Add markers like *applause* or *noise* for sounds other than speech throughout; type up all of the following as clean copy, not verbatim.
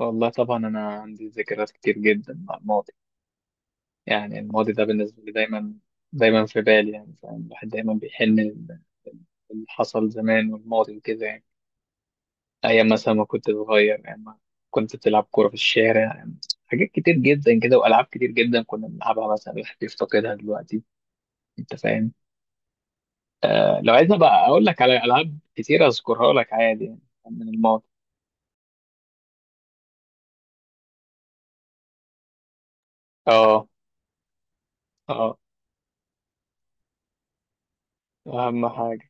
والله طبعا أنا عندي ذكريات كتير جدا مع الماضي، يعني الماضي ده بالنسبة لي دايما دايما في بالي. يعني فاهم، الواحد دايما بيحن اللي حصل زمان والماضي وكده. يعني أيام مثلا ما كنت صغير، أيام ما كنت بتلعب كورة في الشارع، يعني حاجات كتير جدا كده وألعاب كتير جدا كنا بنلعبها، مثلا الواحد بيفتقدها دلوقتي. أنت فاهم؟ آه، لو عايزني بقى أقول لك على ألعاب كتير أذكرها لك عادي يعني، من الماضي. آه. آه. أهم حاجة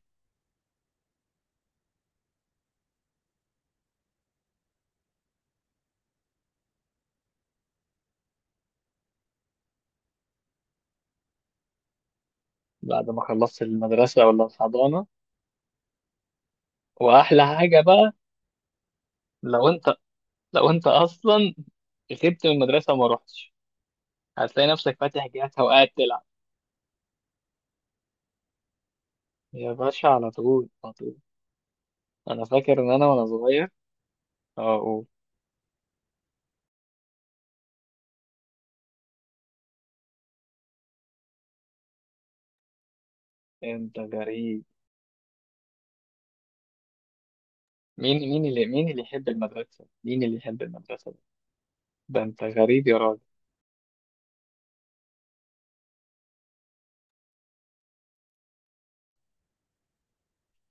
بعد ما خلصت المدرسة ولا الحضانة، واحلى حاجه بقى، لو انت لو انت اصلا غبت من المدرسه وما رحتش، هتلاقي نفسك فاتح جهازها وقاعد تلعب. يا باشا، على طول على طول. انا فاكر ان انا وانا صغير. اقول. انت غريب. مين اللي، مين اللي يحب المدرسه؟ مين اللي يحب المدرسه ده؟ ده انت غريب يا راجل.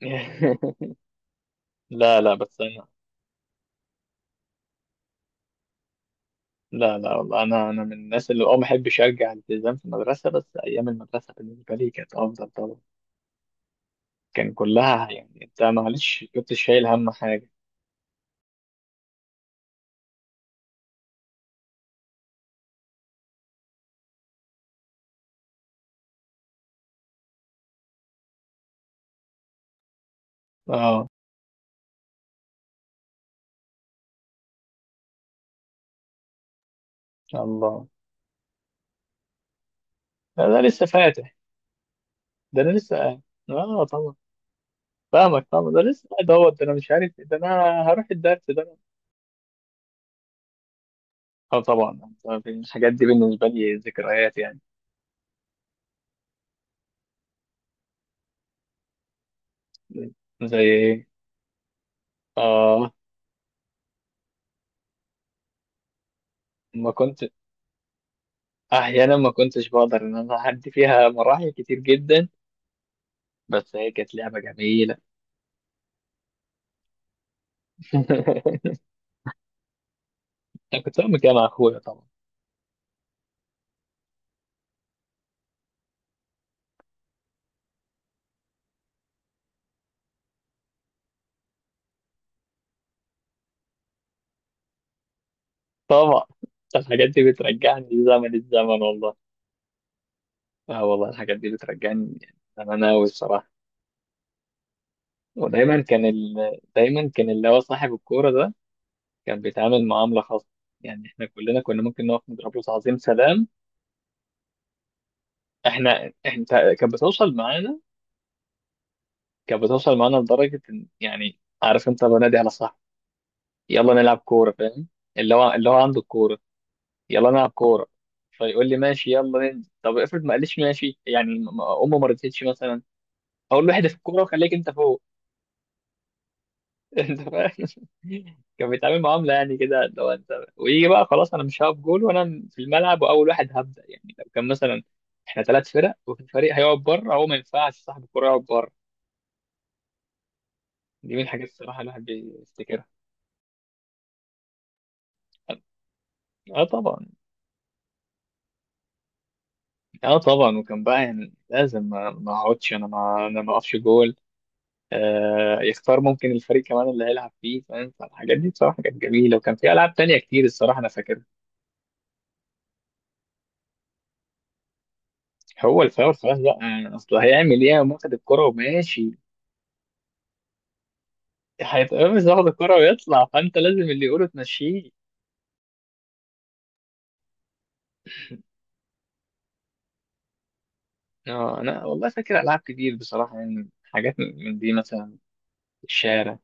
*laughs* لا لا، بس انا. لا لا، والله انا من الناس اللي ما احبش ارجع الالتزام في المدرسه. بس ايام المدرسه بالنسبه لي كانت افضل طبعا. كان كلها يعني، انت معلش كنت شايل هم حاجه. اه. الله، ده لسه فاتح؟ ده انا لسه قاعد. اه طبعا. فاهمك طبعا، ده لسه قاعد اهوت، ده انا مش عارف إيه، ده انا هروح الدرس ده أنا. اه طبعا. طبعاً الحاجات دي بالنسبه لي ذكريات يعني. زي ايه؟ اه. ما كنت احيانا ما كنتش بقدر ان انا اعدي فيها مراحل كتير جدا، بس هي كانت لعبه جميله. *laughs* انا كنت بعمل كده مع اخويا طبعا. طبعا الحاجات دي بترجعني لزمن الزمن والله. اه والله، الحاجات دي بترجعني زمان أوي الصراحه. ودايما كان ال... دايما كان اللي هو صاحب الكوره ده كان بيتعامل معامله خاصه. يعني احنا كلنا كنا ممكن نقف نضرب له تعظيم سلام. انت، كانت بتوصل معانا كانت بتوصل معانا لدرجه ان، يعني عارف انت، بنادي على صاحبي، يلا نلعب كوره، فاهم؟ اللي هو عنده الكوره، يلا نلعب كوره، فيقول لي ماشي يلا ننزل. طب افرض ما قاليش ماشي، يعني امه ما رضيتش مثلا، اقول له احذف الكوره وخليك انت فوق. انت فاهم؟ كان بيتعامل معامله يعني كده، لو انت ويجي بقى، خلاص انا مش هقف جول وانا في الملعب، واول واحد هبدا يعني، لو كان مثلا احنا ثلاث فرق وفي فريق هيقعد بره، هو ما ينفعش صاحب الكوره يقعد بره. دي من الحاجات، الصراحه الواحد بيفتكرها. اه طبعا. اه طبعا. وكان بقى يعني لازم ما اقعدش انا، ما اقفش جول. يختار ممكن الفريق كمان اللي هيلعب فيه، فاهم؟ فالحاجات دي بصراحه كانت جميله، وكان في العاب تانية كتير الصراحه انا فاكرها. هو الفاول خلاص بقى يعني، اصل هيعمل ايه، قام واخد الكرة وماشي، هيتقمص ياخد الكرة ويطلع، فأنت لازم اللي يقوله تمشيه. آه، أنا والله فاكر ألعاب كتير بصراحة، يعني حاجات من دي مثلا في الشارع.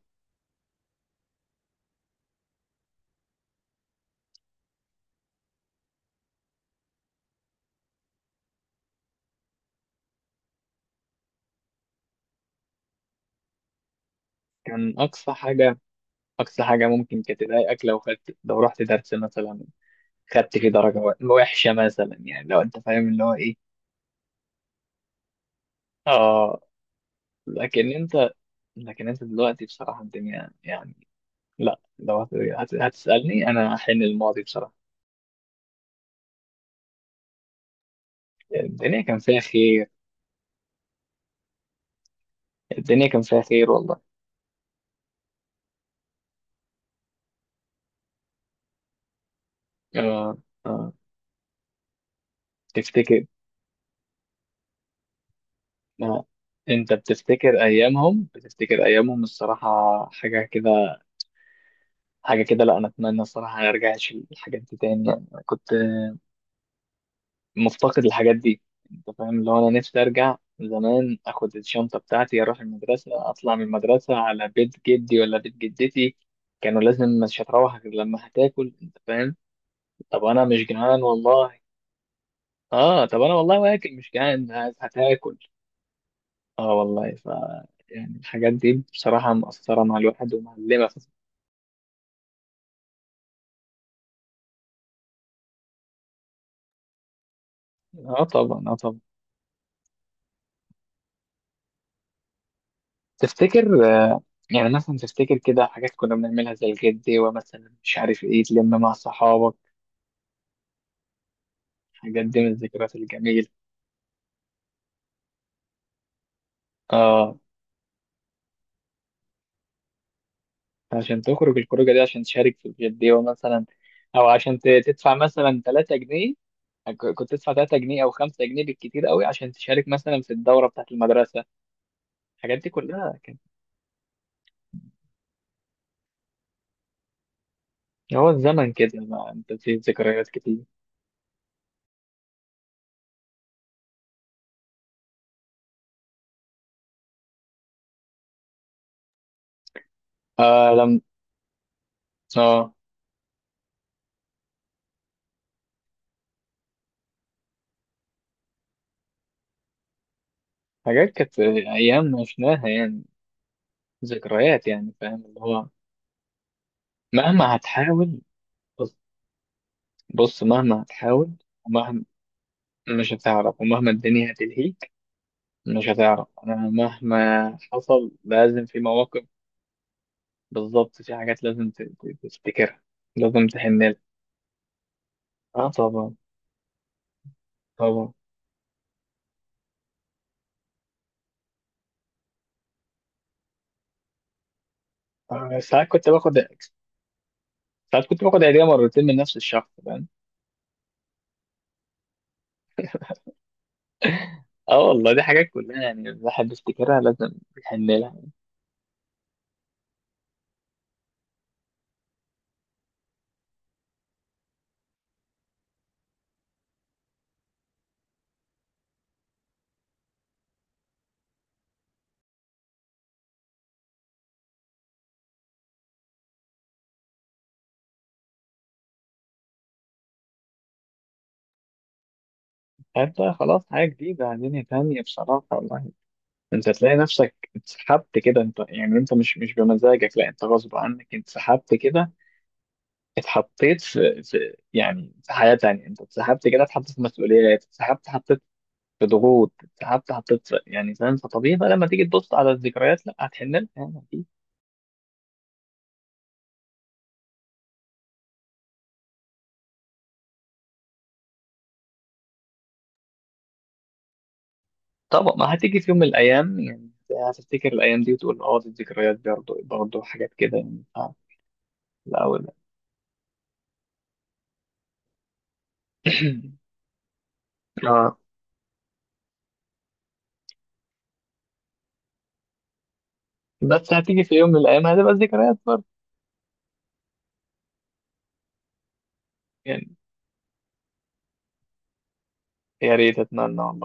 كان أقصى حاجة أقصى حاجة ممكن كانت تضايقك، لو رحت درس مثلا، خدت فيه درجة وحشة مثلا، يعني لو أنت فاهم اللي هو إيه. آه. لكن أنت لكن أنت دلوقتي بصراحة الدنيا يعني، لا لو هتسألني أنا هحن الماضي بصراحة. الدنيا كان فيها خير. الدنيا كان فيها خير والله. آه. آه. تفتكر؟ اه، انت بتفتكر ايامهم الصراحه. حاجه كده، حاجه كده. لا انا اتمنى الصراحه ما ارجعش الحاجات دي تاني يعني، أنا كنت مفتقد الحاجات دي. انت فاهم اللي هو، انا نفسي ارجع زمان، اخد الشنطه بتاعتي اروح المدرسه، اطلع من المدرسه على بيت جدي ولا بيت جدتي، كانوا لازم، مش هتروح غير لما هتاكل. انت فاهم؟ طب انا مش جعان والله، اه طب انا والله واكل مش جعان، هتاكل. اه والله ف، يعني الحاجات دي بصراحة مأثرة مع الواحد ومعلمة اه طبعا. اه طبعا. تفتكر يعني مثلا تفتكر كده حاجات كنا بنعملها، زي الجدي، ومثلا مش عارف ايه، تلم مع صحابك. الحاجات دي من الذكريات الجميلة. اه، عشان تخرج الخروجة دي، عشان تشارك في الجدي مثلا، او عشان تدفع مثلا 3 جنيه. آه، كنت تدفع 3 جنيه او 5 جنيه بالكتير قوي، عشان تشارك مثلا في الدورة بتاعت المدرسة. الحاجات دي كلها كان، هو الزمن كده، ما انت في ذكريات كتير. آه لم. اه. حاجات كانت ايام عشناها يعني، ذكريات يعني فاهم اللي هو. مهما هتحاول. بص, بص، مهما هتحاول. ومهما ومهما الدنيا هتلهيك مش هتعرف. انا مهما حصل، لازم في مواقف. بالظبط، في حاجات لازم تفتكرها، لازم تحن لها. اه طبعا. طبعا. آه، ساعات كنت باخد هدية مرتين من نفس الشخص، فاهم؟ اه والله، دي حاجات كلها يعني الواحد بيفتكرها لازم يحن لها. عارف بقى، خلاص حاجة جديدة، دنيا تانية بصراحة والله. انت تلاقي نفسك اتسحبت كده، انت يعني انت مش بمزاجك، لا انت غصب عنك اتسحبت كده، اتحطيت في حياة تانية، انت اتسحبت كده اتحطيت في مسؤوليات، اتسحبت حطيت في ضغوط، اتسحبت حطيت في، يعني فاهم. فطبيعي بقى لما تيجي تبص على الذكريات، لا هتحن لها يعني اكيد. طبعا. ما هتيجي في يوم من الايام يعني، هتفتكر الايام دي وتقول اه، دي الذكريات برضه، برضه حاجات كده يعني. اه. لا ولا. *clears throat* اه، بس هتيجي في يوم من الأيام هتبقى ذكريات برضه يعني. يا ريت، أتمنى والله.